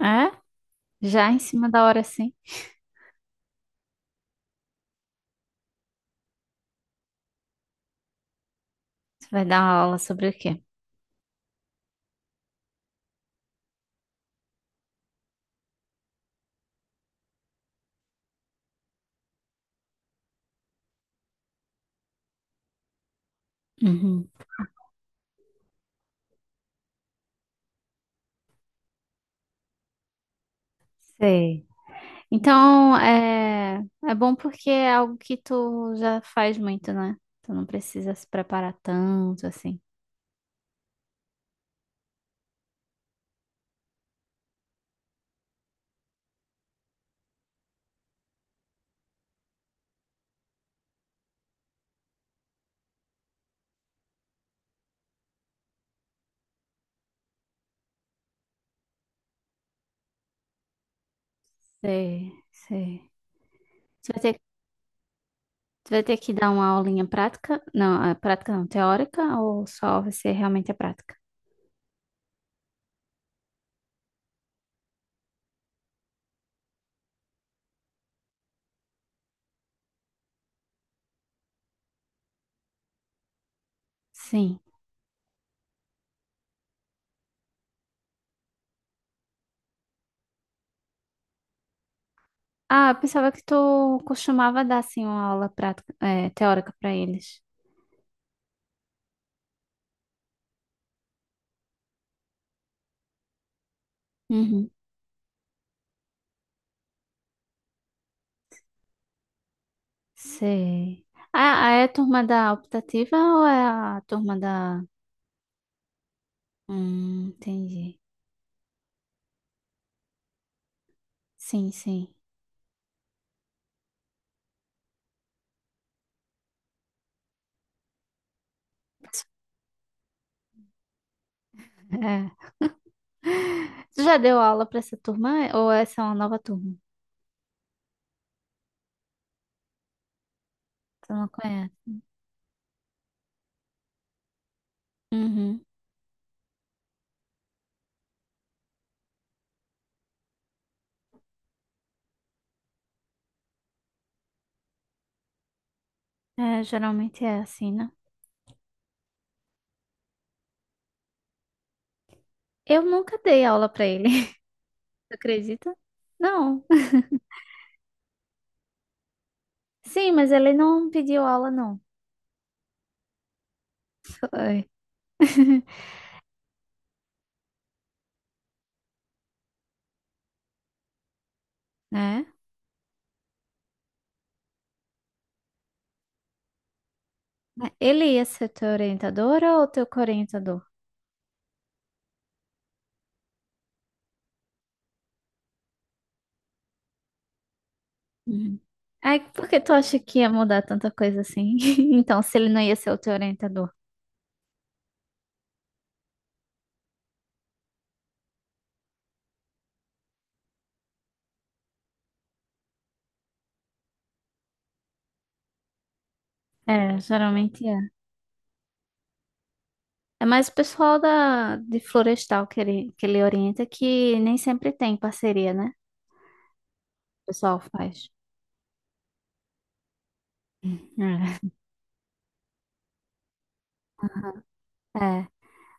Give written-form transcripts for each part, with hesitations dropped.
É? Já em cima da hora, sim. Você vai dar uma aula sobre o quê? Uhum. Sei. Então, é bom porque é algo que tu já faz muito, né? Tu não precisa se preparar tanto, assim. Sei, sei. Tu vai ter, tu vai ter que dar uma aulinha prática? Não, é prática não, teórica, ou só vai ser realmente a prática? Sim. Ah, eu pensava que tu costumava dar, assim, uma aula prática, é, teórica para eles. Sei. Ah, é a turma da optativa ou é a turma da. Entendi. Sim, sim. É. Tu já deu aula pra essa turma é? Ou essa é uma nova turma? Tu não conhece? Uhum. É, geralmente é assim, né? Eu nunca dei aula pra ele. Tu acredita? Não. Sim, mas ele não pediu aula, não. Foi. Né? Ele ia ser teu orientador ou teu coorientador? Uhum. Aí, por que tu acha que ia mudar tanta coisa assim? Então, se ele não ia ser o teu orientador. É, geralmente é. É mais o pessoal da, de Florestal que ele orienta, que nem sempre tem parceria, né? O pessoal faz. É, É,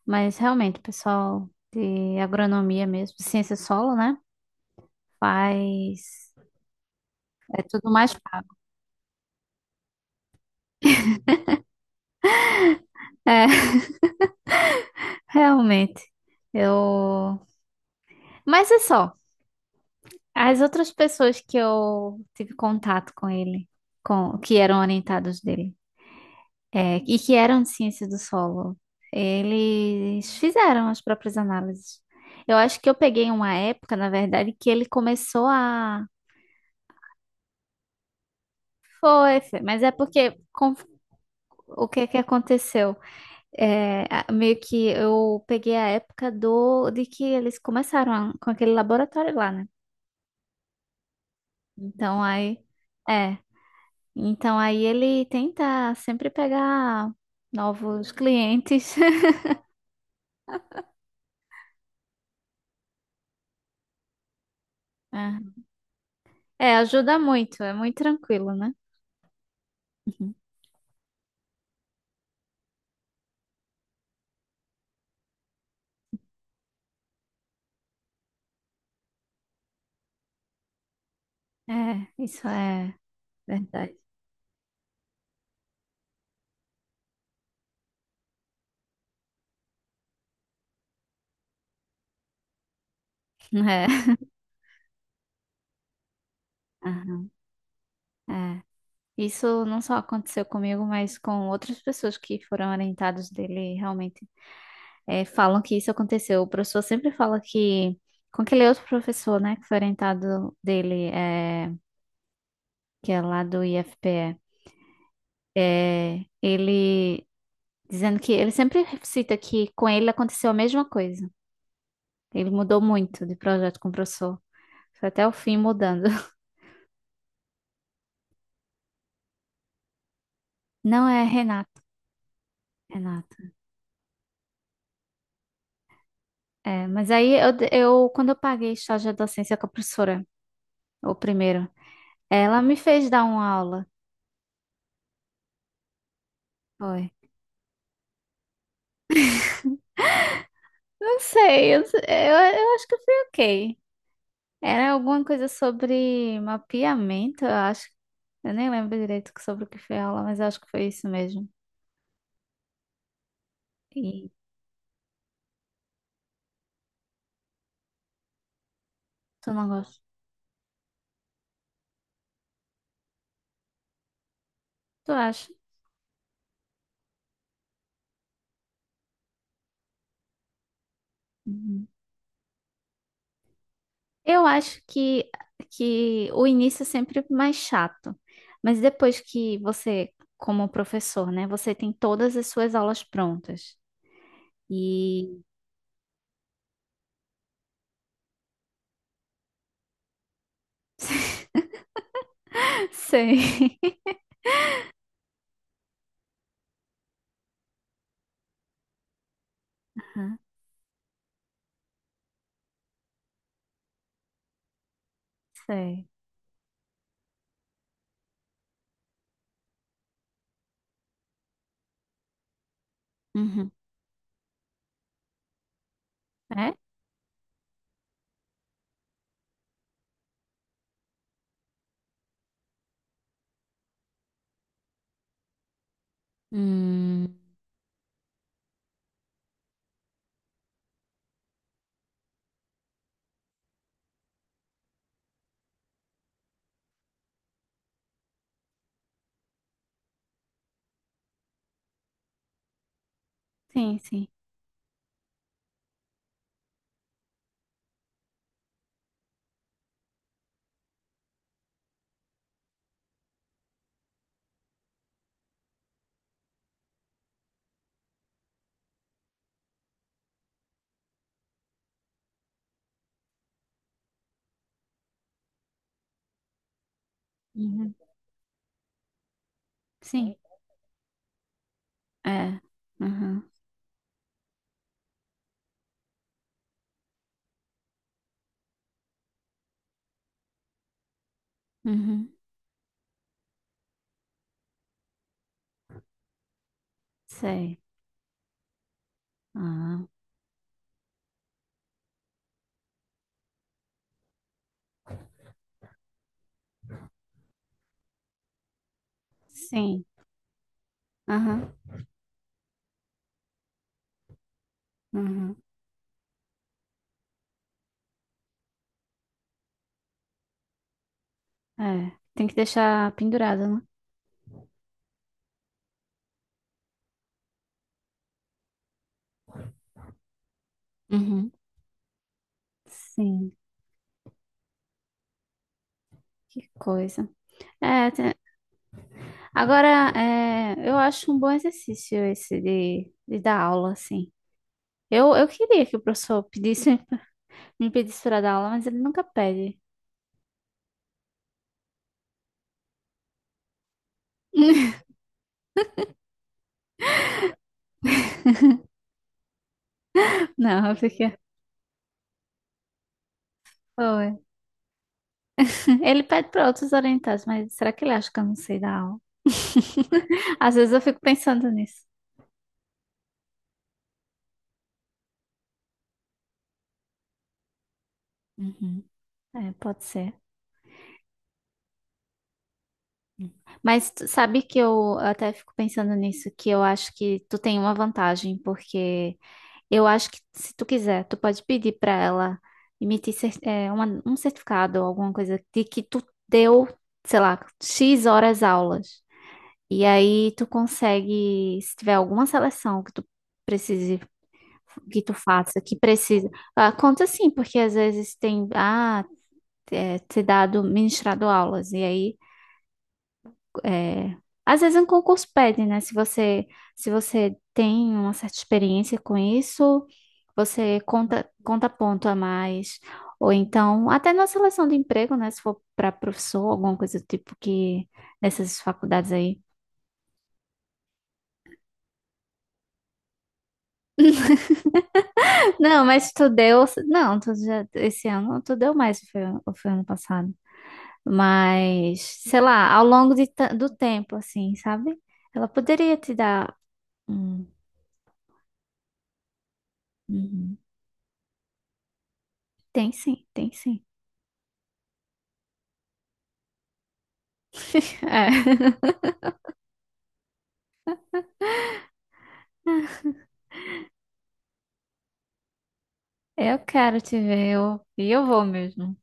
mas realmente, o pessoal de agronomia mesmo, ciência solo, né? Faz. É tudo mais. É, realmente. Eu. Mas é só. As outras pessoas que eu tive contato com ele, com que eram orientados dele, é, e que eram de ciência do solo, eles fizeram as próprias análises. Eu acho que eu peguei uma época, na verdade, que ele começou a. Foi, foi, mas é porque com- o que que aconteceu? É, a- meio que eu peguei a época do de que eles começaram a- com aquele laboratório lá, né? Então aí. É. Então aí ele tenta sempre pegar novos clientes. É, É, ajuda muito, é muito tranquilo, né? Uhum. É, isso é verdade. É. Aham, é. Isso não só aconteceu comigo, mas com outras pessoas que foram orientadas dele, realmente é, falam que isso aconteceu. O professor sempre fala que, com aquele outro professor, né, que foi orientado dele, é, que é lá do IFPE, é, ele dizendo que ele sempre cita que com ele aconteceu a mesma coisa. Ele mudou muito de projeto com o professor. Foi até o fim mudando. Não é Renato, Renato. É, mas aí eu quando eu paguei estágio de docência com a professora, o primeiro, ela me fez dar uma aula. Foi. Não sei, eu acho que foi ok. Era alguma coisa sobre mapeamento, eu acho. Eu nem lembro direito sobre o que foi a aula, mas eu acho que foi isso mesmo. E tu não gosta? Tu acha? Uhum. Eu acho que o início é sempre mais chato, mas depois que você, como professor, né, você tem todas as suas aulas prontas. E. Sei. Aham. Sei. Uhum. É? Hum. Sim, sim. Uhum. Sim. É. Uhum. Uhum. Sei. Ah. Sim. Aham. Uhum. É. Tem que deixar pendurado, né? Uhum. Sim. Que coisa. É, te- Agora, é, eu acho um bom exercício esse de dar aula, assim. Eu queria que o professor pedisse, me pedisse para dar aula, mas ele nunca pede. Não, porque... Oi. Ele pede para outros orientados, mas será que ele acha que eu não sei dar aula? Às vezes eu fico pensando nisso. Uhum. É, pode ser. Mas tu sabe que eu até fico pensando nisso, que eu acho que tu tem uma vantagem, porque eu acho que se tu quiser, tu pode pedir para ela emitir cer- é, uma- um certificado ou alguma coisa de que tu deu, sei lá, X horas aulas. E aí tu consegue, se tiver alguma seleção que tu precise, que tu faça, que precisa. Ah, conta sim, porque às vezes tem, ah, é, ter dado, ministrado aulas. E aí é, às vezes um concurso pede, né? Se você tem uma certa experiência com isso, você conta, conta ponto a mais. Ou então, até na seleção de emprego, né? Se for para professor, alguma coisa do tipo que nessas faculdades aí. Não, mas tu deu. Não, tu já, esse ano tu deu mais, ou foi ano passado. Mas, sei lá, ao longo de ta- do tempo, assim, sabe? Ela poderia te dar. Um- Uhum. Tem sim, tem sim. É. Eu quero te ver, eu, e eu vou mesmo.